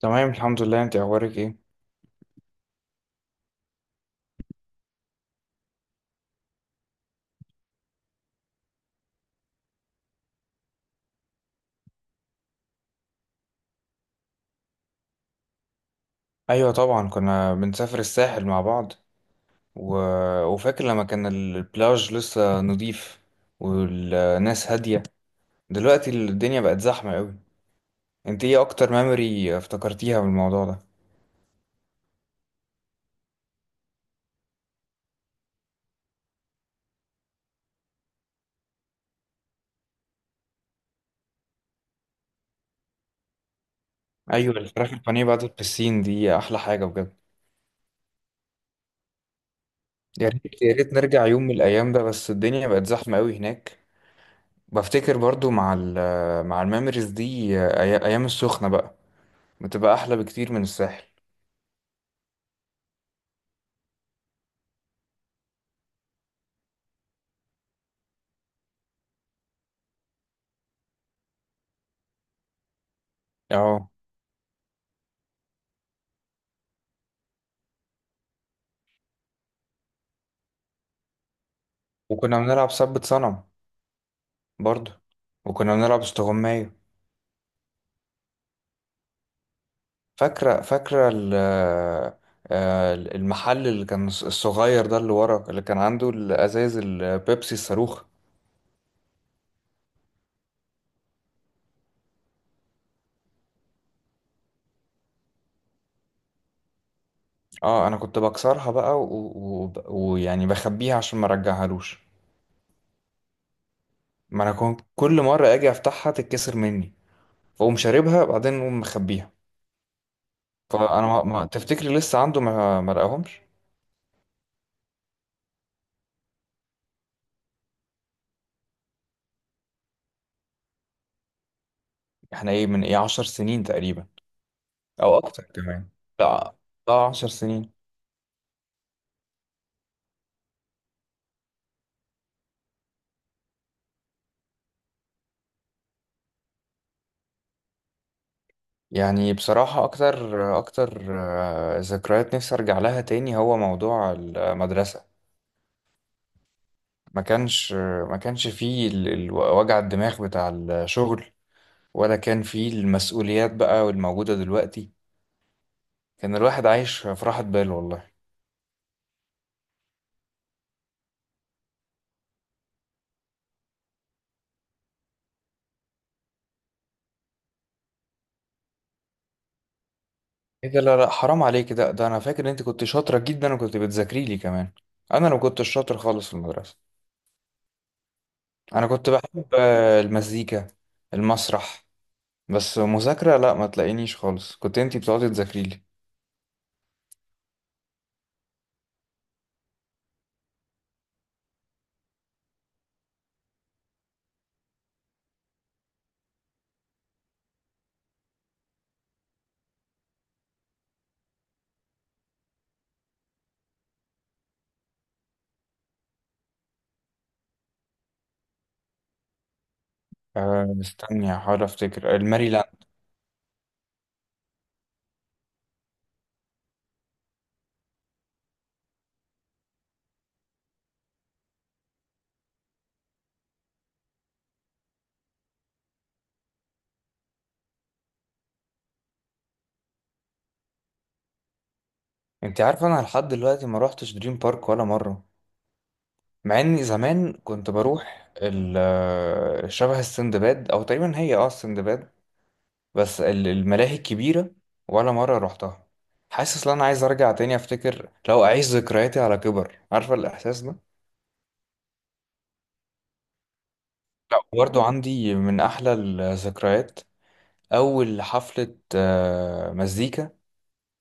تمام، الحمد لله. انت اخبارك ايه؟ ايوه، طبعا كنا بنسافر الساحل مع بعض و... وفاكر لما كان البلاج لسه نضيف، والناس هاديه. دلوقتي الدنيا بقت زحمه قوي. انت ايه اكتر ميموري افتكرتيها من الموضوع ده؟ ايوه، الفراخ البانيه بعد البسين دي احلى حاجه بجد. يا ريت يا ريت نرجع يوم من الايام ده، بس الدنيا بقت زحمه قوي هناك. بفتكر برضو مع الميموريز دي، ايام السخنه بقى بتبقى احلى بكتير من الساحل. اه، وكنا بنلعب سبت صنم برضو، وكنا بنلعب استغماية. فاكرة فاكرة المحل اللي كان الصغير ده، اللي ورا، اللي كان عنده الأزايز البيبسي الصاروخ. اه، انا كنت بكسرها بقى ويعني ويعني بخبيها عشان ما ارجعهالوش. ما انا كنت كل مرة اجي افتحها تتكسر مني، فاقوم شاربها بعدين اقوم مخبيها. فانا ما... ما... تفتكري لسه عنده ما لقاهمش؟ احنا ايه، من ايه، 10 سنين تقريبا. او اكتر كمان. لا، اه، 10 سنين. يعني بصراحة أكتر أكتر ذكريات نفسي أرجع لها تاني هو موضوع المدرسة. ما كانش ما كانش فيه وجع الدماغ بتاع الشغل، ولا كان فيه المسؤوليات بقى والموجودة دلوقتي. كان الواحد عايش في راحة بال، والله. إيه ده، لا لا حرام عليك، ده أنا فاكر إن أنت كنت شاطرة جدا وكنت بتذاكري لي كمان. أنا ما كنتش شاطر خالص في المدرسة. أنا كنت بحب المزيكا، المسرح، بس مذاكرة لا، ما تلاقينيش خالص. كنت أنت بتقعدي تذاكري لي. أه، استني هحاول افتكر الماريلاند. انت عارف، انا لحد دلوقتي ما روحتش دريم بارك ولا مره، مع اني زمان كنت بروح شبه السندباد، او تقريبا هي السندباد. بس الملاهي الكبيره ولا مره روحتها. حاسس ان انا عايز ارجع تاني، افتكر لو اعيش ذكرياتي على كبر. عارفه الاحساس ده؟ لا، برضو عندي من احلى الذكريات اول حفله مزيكا،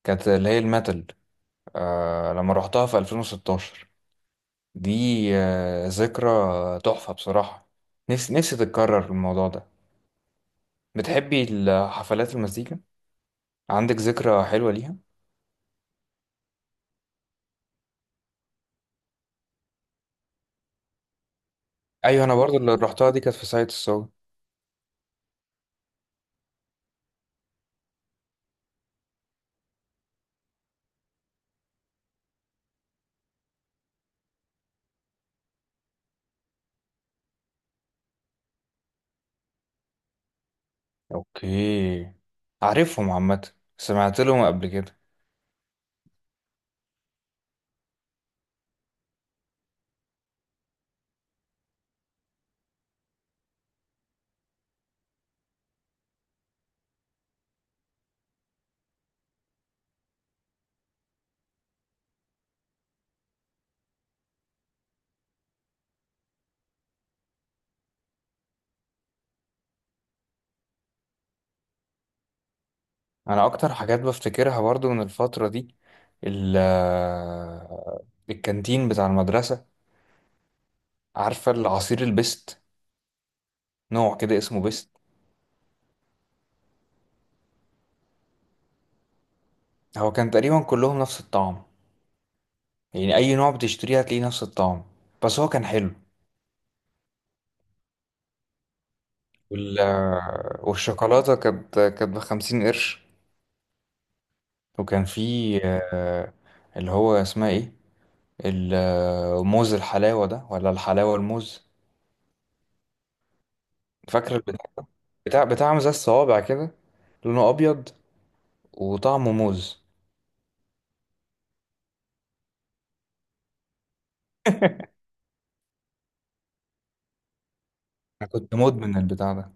كانت اللي هي الميتال، لما روحتها في 2016. دي ذكرى تحفة بصراحة. نفسي نفسي تتكرر الموضوع ده. بتحبي الحفلات، المزيكا؟ عندك ذكرى حلوة ليها؟ ايوه، انا برضو اللي رحتها دي كانت في ساقية الصاوي. اوكي، عارفهم عامة، سمعت لهم قبل كده. انا اكتر حاجات بفتكرها برضو من الفترة دي ال آه، الكانتين بتاع المدرسة. عارفة العصير البست؟ نوع كده اسمه بست. هو كان تقريبا كلهم نفس الطعم، يعني اي نوع بتشتريه هتلاقيه نفس الطعم، بس هو كان حلو. وال... والشوكولاتة كانت ب50 قرش. وكان في آه، اللي هو اسمها ايه، الموز الحلاوة ده ولا الحلاوة الموز؟ فاكر البتاع، بتاع زي الصوابع كده، لونه أبيض وطعمه موز. أنا كنت مدمن البتاع ده.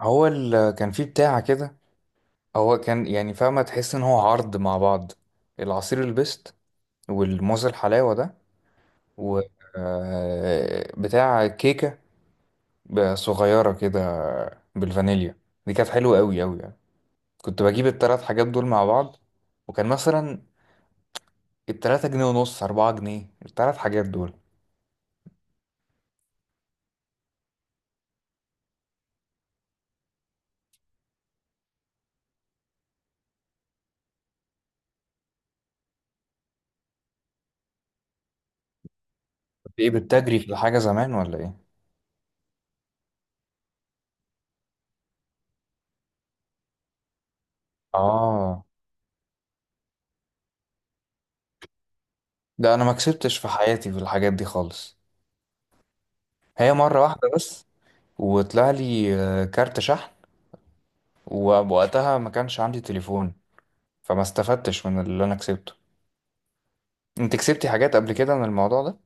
هو كان في بتاع كده، هو كان يعني، فاهمة؟ تحس إن هو عرض مع بعض، العصير البيست والموز الحلاوة ده و بتاع كيكة بقى صغيرة كده بالفانيليا. دي كانت حلوة أوي أوي يعني. كنت بجيب التلات حاجات دول مع بعض، وكان مثلا ال3 جنيه ونص، 4 جنيه التلات حاجات دول. كنت إيه، بتجري في الحاجة زمان ولا إيه؟ آه لا، أنا ما كسبتش في حياتي في الحاجات دي خالص. هي مرة واحدة بس، وطلع لي كارت شحن، ووقتها ما كانش عندي تليفون، فما استفدتش من اللي أنا كسبته. أنت كسبتي حاجات قبل كده من الموضوع ده؟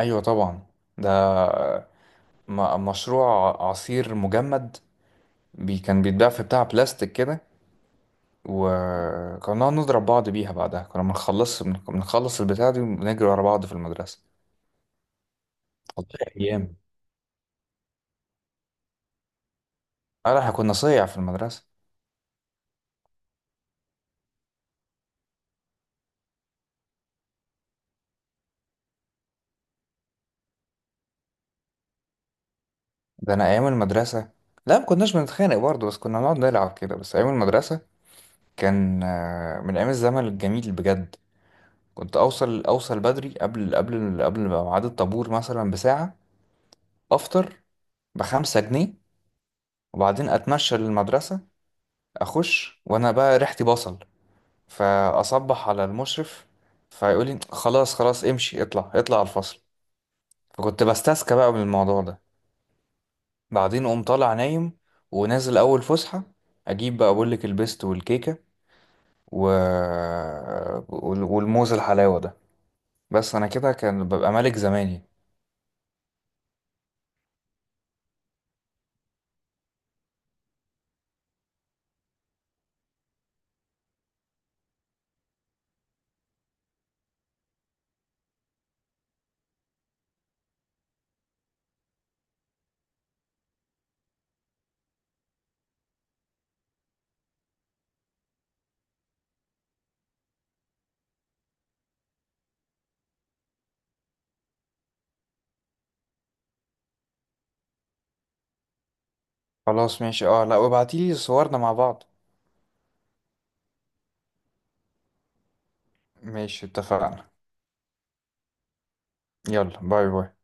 أيوة طبعا، ده مشروع عصير مجمد، بي كان بيتباع في بتاع بلاستيك كده، وكنا نقعد نضرب بعض بيها. بعدها كنا بنخلص بنخلص البتاع دي ونجري ورا بعض في المدرسة. والله، أيام. احنا كنا صيع في المدرسة. ده أنا أيام المدرسة، لا ما كناش بنتخانق برضه، بس كنا نقعد نلعب كده. بس أيام المدرسة كان من أيام الزمن الجميل بجد. كنت أوصل بدري، قبل ميعاد الطابور مثلا بساعة، أفطر ب5 جنيه، وبعدين أتمشى للمدرسة. اخش وانا بقى ريحتي بصل، فاصبح على المشرف، فيقول لي خلاص خلاص امشي، اطلع اطلع على الفصل. فكنت بستسكى بقى من الموضوع ده. بعدين قوم طالع نايم، ونازل اول فسحه اجيب بقى، بقول لك البيست والكيكه و... والموز الحلاوه ده. بس انا كده كان ببقى ملك زماني. خلاص ماشي، اه، لا وابعتيلي صورنا مع بعض. ماشي، اتفقنا. يلا، باي باي.